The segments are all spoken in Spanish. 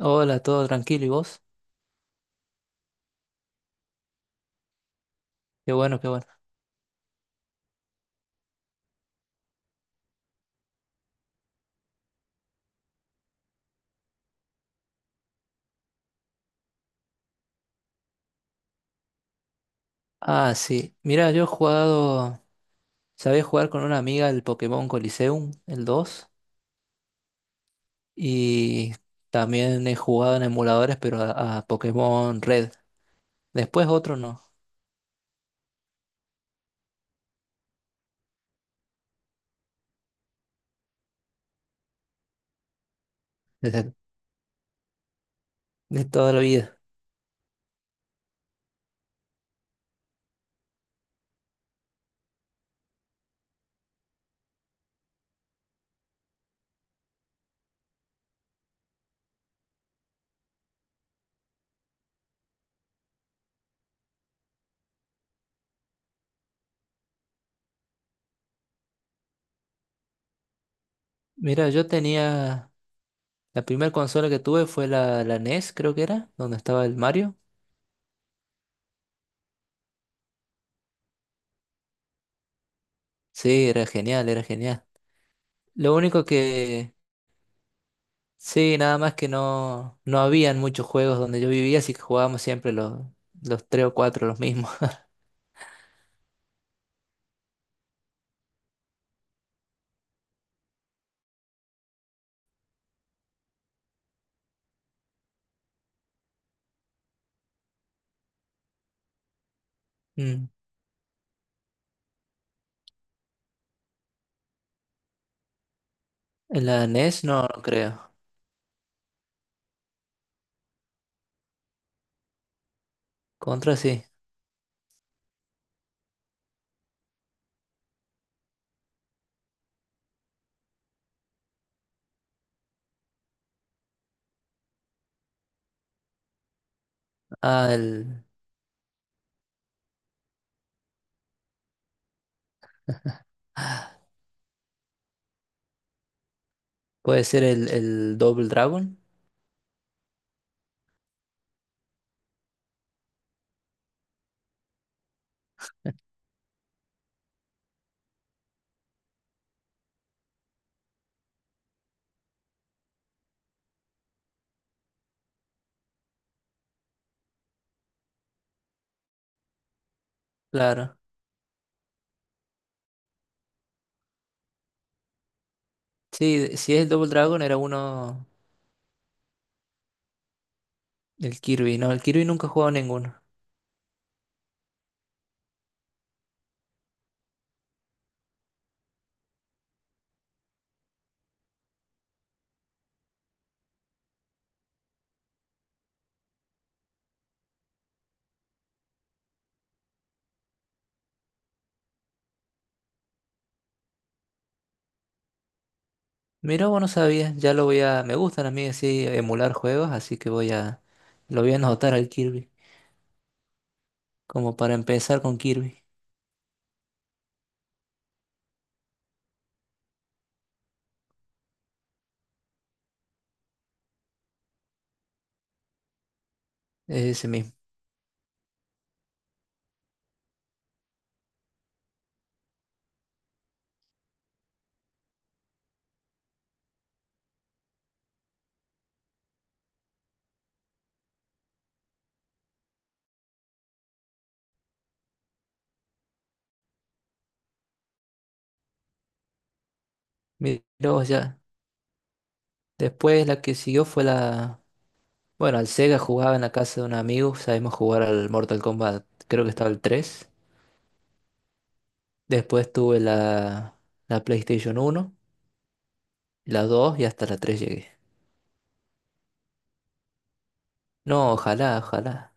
Hola, todo tranquilo, ¿y vos? Qué bueno, qué bueno. Ah, sí. Mira, yo he jugado, sabía jugar con una amiga el Pokémon Coliseum, el 2 y también he jugado en emuladores, pero a Pokémon Red. Después otro no, desde de toda la vida. Mira, yo tenía, la primera consola que tuve fue la NES, creo que era, donde estaba el Mario. Sí, era genial, era genial. Lo único que sí, nada más que no habían muchos juegos donde yo vivía, así que jugábamos siempre los tres o cuatro, los mismos. Mm. En la NES no, no creo. Contra sí. Ah, el, puede ser el Double Dragon. Claro. Sí, si es el Double Dragon era uno, el Kirby. No, el Kirby nunca he jugado ninguno. Mira, vos no sabías, ya lo voy a... Me gustan a mí así emular juegos, así que voy a... Lo voy a anotar al Kirby, como para empezar con Kirby. Es ese mismo. Mira, vos ya. Después la que siguió fue la... Bueno, al Sega jugaba en la casa de un amigo, sabemos jugar al Mortal Kombat, creo que estaba el tres. Después tuve la, la PlayStation uno, la 2 y hasta la 3 llegué. No, ojalá, ojalá.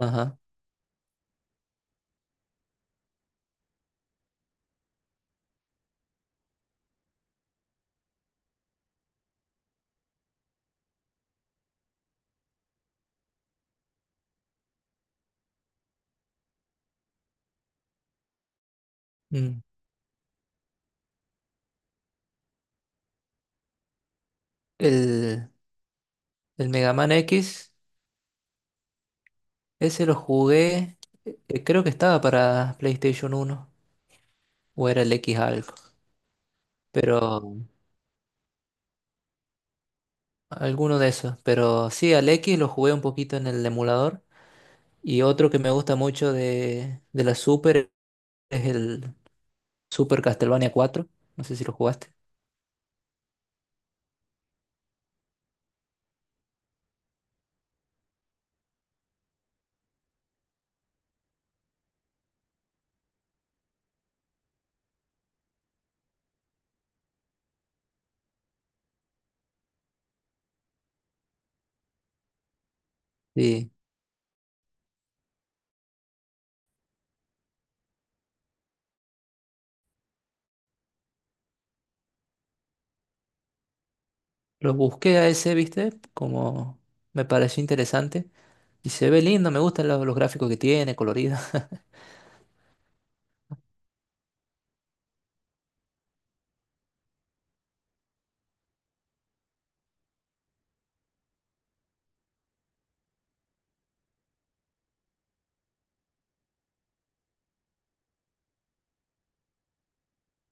Ajá. Mm. El, el Mega Man X, ese lo jugué, creo que estaba para PlayStation uno o era el X algo, pero alguno de esos. Pero sí, al X lo jugué un poquito en el emulador. Y otro que me gusta mucho de la Super es el Super Castlevania 4. No sé si lo jugaste. Sí, lo busqué a ese, ¿viste? Como me pareció interesante. Y se ve lindo, me gustan lo- los, gráficos que tiene, colorido.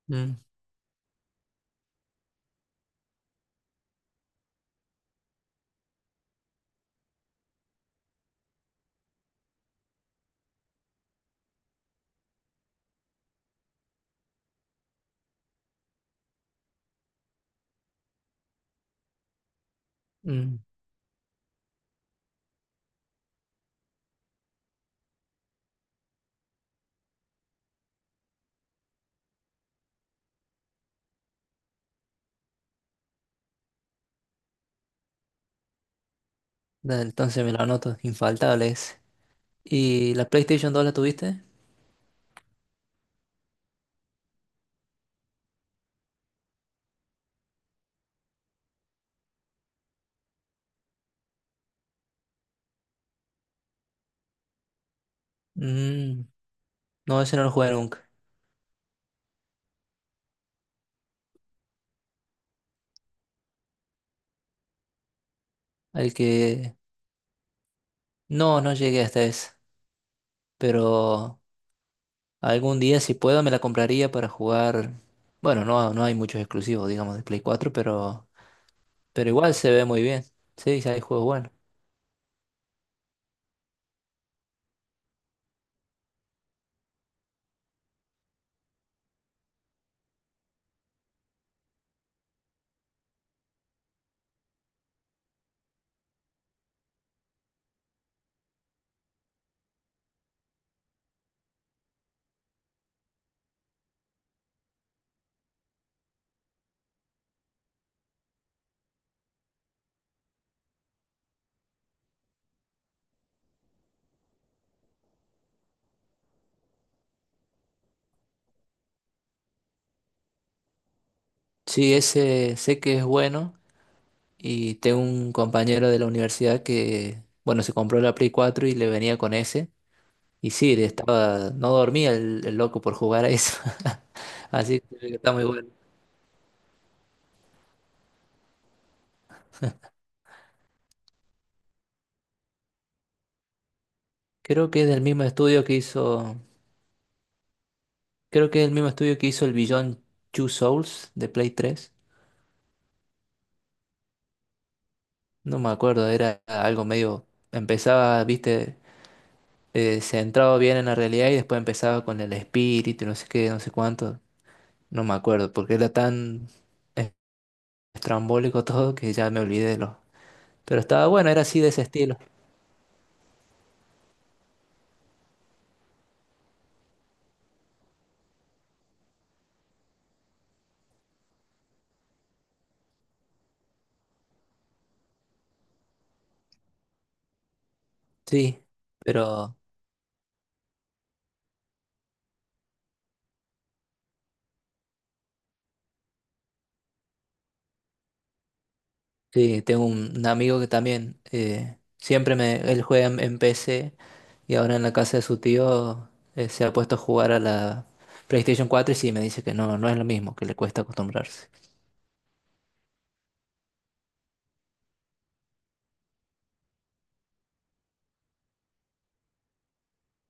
Mm, mm. Da, entonces me lo anoto, infaltable ese. ¿Y la PlayStation 2 la tuviste? Mm, no, ese no lo jugué nunca. El que... No, no llegué hasta ese. Pero algún día, si puedo, me la compraría para jugar. Bueno, no, no hay muchos exclusivos, digamos, de Play cuatro, pero igual se ve muy bien. Sí, sí hay juegos buenos. Sí, ese sé que es bueno. Y tengo un compañero de la universidad que, bueno, se compró la Play cuatro y le venía con ese. Y sí, le estaba, no dormía el loco por jugar a eso. Así que está muy bueno. Creo que es del mismo estudio que hizo, creo que es el mismo estudio que hizo el Beyond Two Souls de Play tres. No me acuerdo, era algo medio. Empezaba, viste, centrado bien en la realidad y después empezaba con el espíritu y no sé qué, no sé cuánto. No me acuerdo, porque era tan es- estrambólico todo que ya me olvidé de lo. Pero estaba bueno, era así de ese estilo. Sí, pero sí, tengo un amigo que también siempre me. Él juega en PC y ahora en la casa de su tío se ha puesto a jugar a la PlayStation 4 y sí, me dice que no, no es lo mismo, que le cuesta acostumbrarse.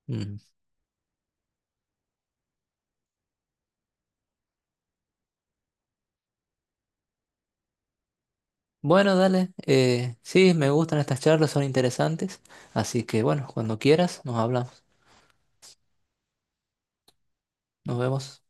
Mm. Bueno, dale. Sí, me gustan estas charlas, son interesantes. Así que bueno, cuando quieras, nos hablamos. Nos vemos.